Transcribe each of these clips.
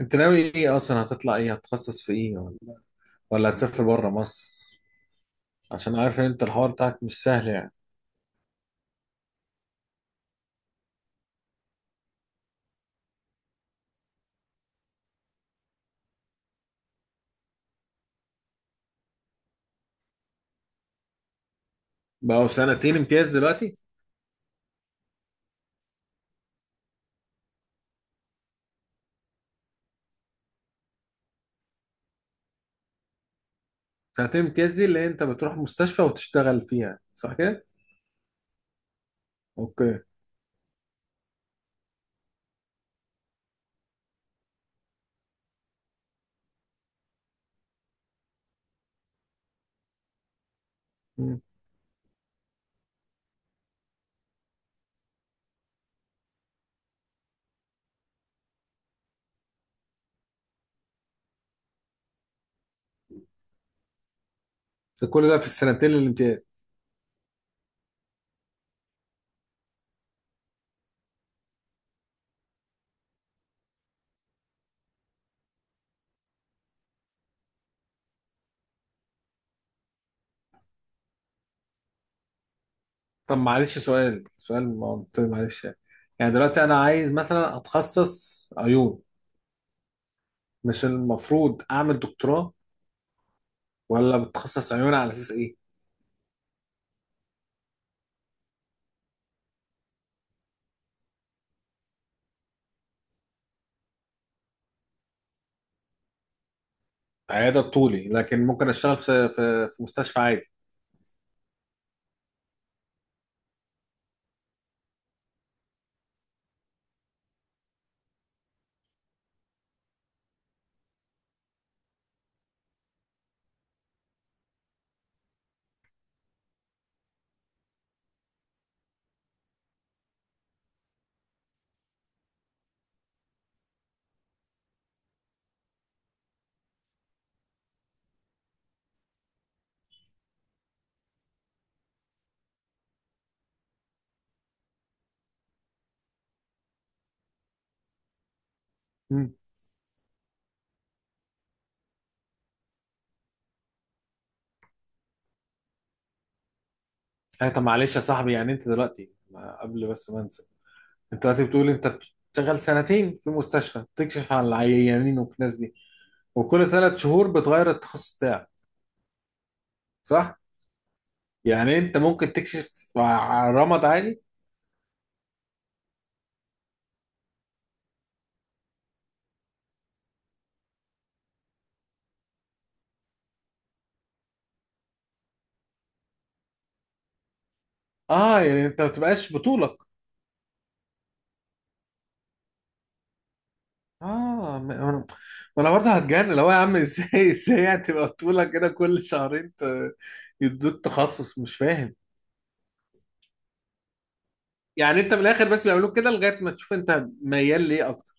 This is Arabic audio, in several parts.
انت ناوي ايه اصلا؟ هتطلع ايه؟ هتتخصص في ايه ولا هتسافر بره مصر؟ عشان عارف ان انت الحوار بتاعك مش سهل يعني. بقوا سنتين امتياز دلوقتي؟ سنتين امتياز دي اللي انت بتروح مستشفى وتشتغل فيها صح كده؟ اوكي. مم. ده كل ده في السنتين الامتياز؟ طب معلش، سؤال منطقي، معلش يعني. يعني دلوقتي انا عايز مثلا اتخصص عيون، مش المفروض اعمل دكتوراه ولا بتخصص عيون على اساس ايه؟ عيادة طولي، لكن ممكن اشتغل في مستشفى عادي. اه طب معلش يا صاحبي، يعني انت دلوقتي، قبل بس ما انسى، انت دلوقتي بتقول انت بتشتغل سنتين في مستشفى، بتكشف على العيانين والناس دي، وكل 3 شهور بتغير التخصص بتاعك، صح؟ يعني انت ممكن تكشف على رمض عادي؟ اه يعني انت ما بتبقاش بطولك. اه، ما ما انا ما أنا برضه هتجنن لو يا عم، ازاي ازاي يعني تبقى بطولك كده كل شهرين يدوك تخصص مش فاهم؟ يعني انت من الاخر بس بيعملوك كده لغايه ما تشوف انت ميال ليه اكتر.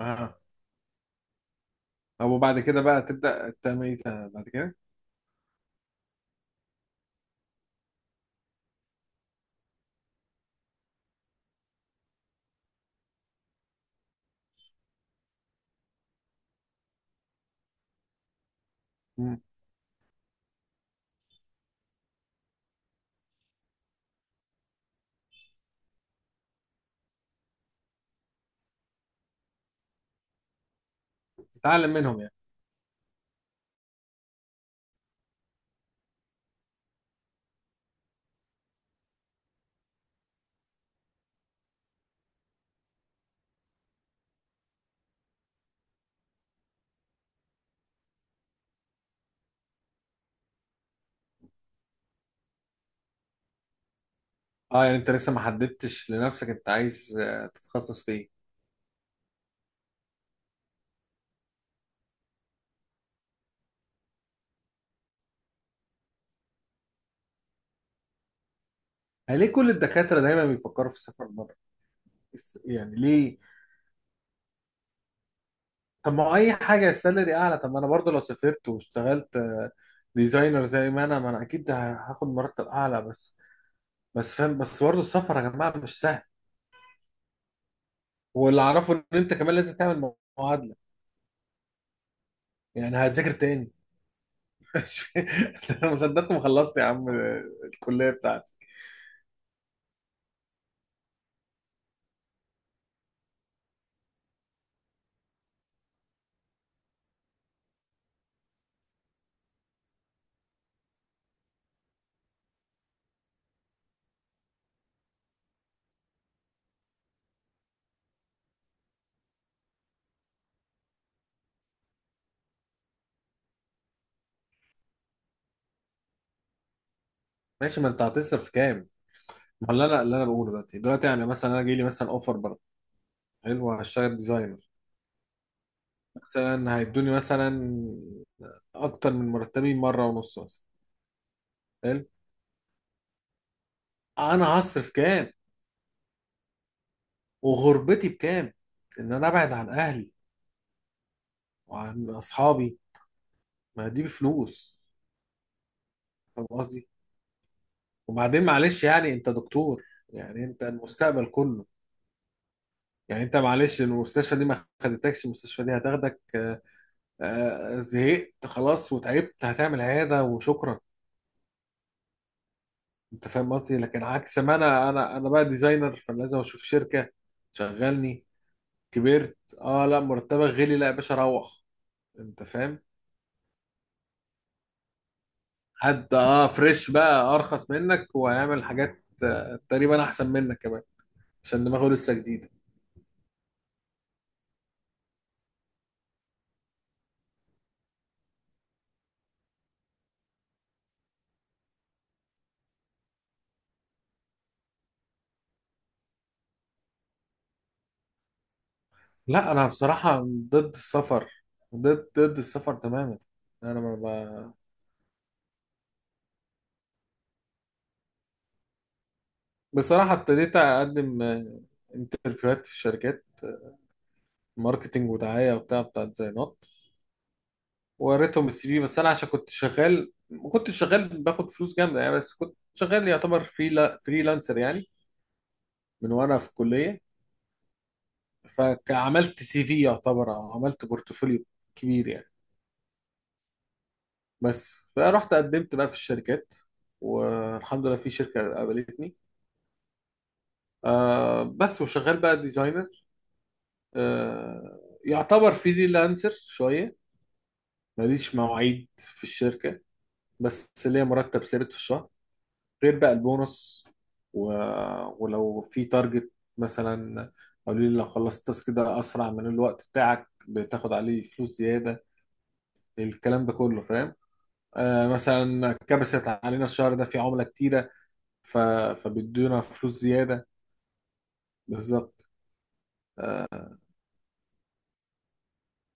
آه. او بعد كده بقى تبدا تعمل ايه؟ بعد كده. مم. تتعلم منهم يعني. اه يعني انت لسه ما حددتش لنفسك انت عايز تتخصص في ايه. يعني ليه كل الدكاتره دايما بيفكروا في السفر بره؟ يعني ليه؟ طب ما هو اي حاجه السالري اعلى. طب ما انا برضو، لو سافرت واشتغلت ديزاينر زي ما انا اكيد هاخد مرتب اعلى بس. بس فاهم، بس برضو السفر يا جماعه مش سهل. واللي اعرفه ان انت كمان لازم تعمل معادله. يعني هتذاكر تاني؟ مش- انا ما صدقت ما خلصت يا عم الكليه بتاعتي. ماشي، ما انت هتصرف كام؟ ما هو اللي انا بقوله دلوقتي يعني مثلا انا جاي لي مثلا اوفر بره. حلو، هشتغل ديزاينر، مثلا هيدوني مثلا اكتر من مرتبي مره ونص مثلا. حلو. انا هصرف كام؟ وغربتي بكام؟ ان انا ابعد عن اهلي وعن اصحابي، ما دي بفلوس، فاهم قصدي. وبعدين معلش، يعني انت دكتور، يعني انت المستقبل كله. يعني انت معلش، المستشفى دي ما خدتكش، المستشفى دي هتاخدك زهقت خلاص وتعبت، هتعمل عياده وشكرا. انت فاهم قصدي، لكن عكس ما انا بقى ديزاينر، فلازم اشوف شركه شغلني. كبرت، اه، لا مرتبك غلي، لا يا باشا روح. انت فاهم. حد اه فريش بقى ارخص منك وهيعمل حاجات تقريبا احسن منك كمان عشان دماغه لسه جديده. لا انا بصراحه ضد السفر، ضد السفر تماما. انا ما ب... بصراحه ابتديت اقدم انترفيوهات في الشركات، ماركتينج ودعايه، وبتاع ديزاينات. وريتهم السي في، بس انا عشان كنت شغال، ما كنتش شغال باخد فلوس جامده يعني، بس كنت شغال يعتبر فريلانسر يعني من وانا في الكليه. فعملت سي في يعتبر، أو عملت بورتفوليو كبير يعني. بس فرحت قدمت بقى في الشركات، والحمد لله في شركه قابلتني. بس وشغال بقى ديزاينر، آه يعتبر فريلانسر شويه. ماليش مواعيد في الشركه، بس ليا مرتب ثابت في الشهر، غير بقى البونص، و... ولو في تارجت مثلا، قالوا لي لو خلصت التاسك ده اسرع من الوقت بتاعك بتاخد عليه فلوس زياده، الكلام ده كله فاهم. مثلا كبست علينا الشهر ده في عمله كتيره، ف... فبيدونا فلوس زياده. بالظبط.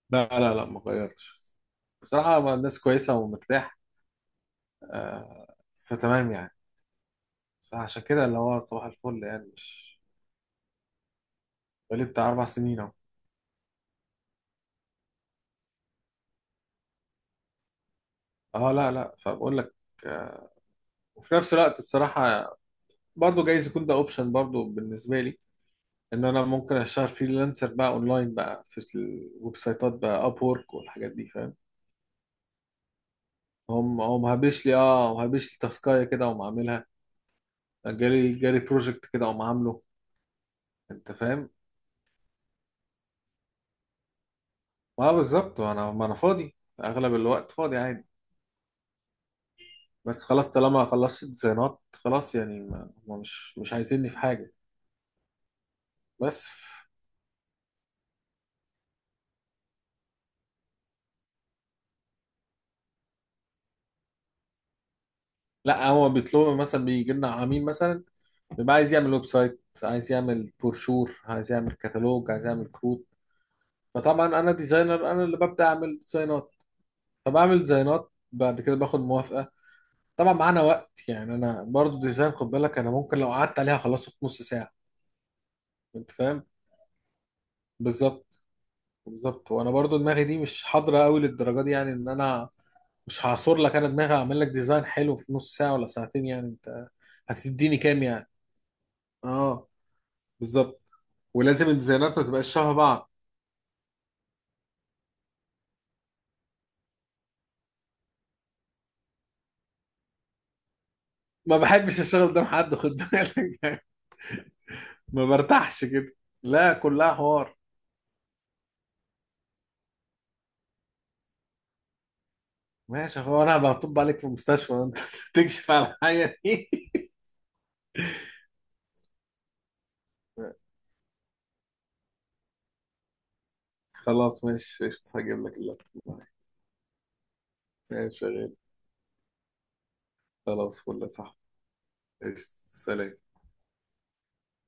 لا لا لا، ما غيرش. بصراحه ما الناس كويسه ومرتاح. آه فتمام يعني. فعشان كده اللي هو صباح الفل يعني، مش. بقالي بتاع 4 سنين اهو. اه لا لا، فبقول لك آه، وفي نفس الوقت بصراحة برضه جايز يكون ده اوبشن برضه بالنسبه لي، ان انا ممكن اشتغل فريلانسر بقى اونلاين بقى في الويب سايتات بقى اب وورك والحاجات دي، فاهم. هم هم هبش لي اه، وهبش لي تاسكايه كده وما عاملها، جالي بروجكت كده وما عامله، انت فاهم. اه بالظبط، ما انا فاضي اغلب الوقت فاضي عادي. بس خلاص طالما خلصت ديزاينات خلاص يعني، ما هم مش عايزيني في حاجه. بس. لا هو بيطلبوا مثلا، بيجي لنا عميل مثلا بيبقى عايز يعمل ويب سايت، عايز يعمل بروشور، عايز يعمل كتالوج، عايز يعمل كروت. فطبعا انا ديزاينر، انا اللي ببدا اعمل ديزاينات. فبعمل ديزاينات بعد كده باخد موافقه. طبعا معانا وقت يعني، انا برضو ديزاين خد بالك، انا ممكن لو قعدت عليها اخلصه في نص ساعه، انت فاهم. بالظبط، بالظبط. وانا برضو دماغي دي مش حاضره قوي للدرجه دي، يعني ان انا مش هعصر لك انا دماغي اعمل لك ديزاين حلو في نص ساعه ولا ساعتين، يعني انت هتديني كام يعني. اه بالظبط. ولازم الديزاينات ما تبقاش شبه بعض. ما بحبش الشغل ده مع حد، خد بالك. ما برتاحش كده. لا كلها حوار. ماشي، هو انا بطب عليك في المستشفى انت تكشف على الحاجه دي. خلاص ماشي قشطة، هجيب لك اللابتوب معايا. ماشي شغال. خلاص فل يا صاحبي. قشطة سلام.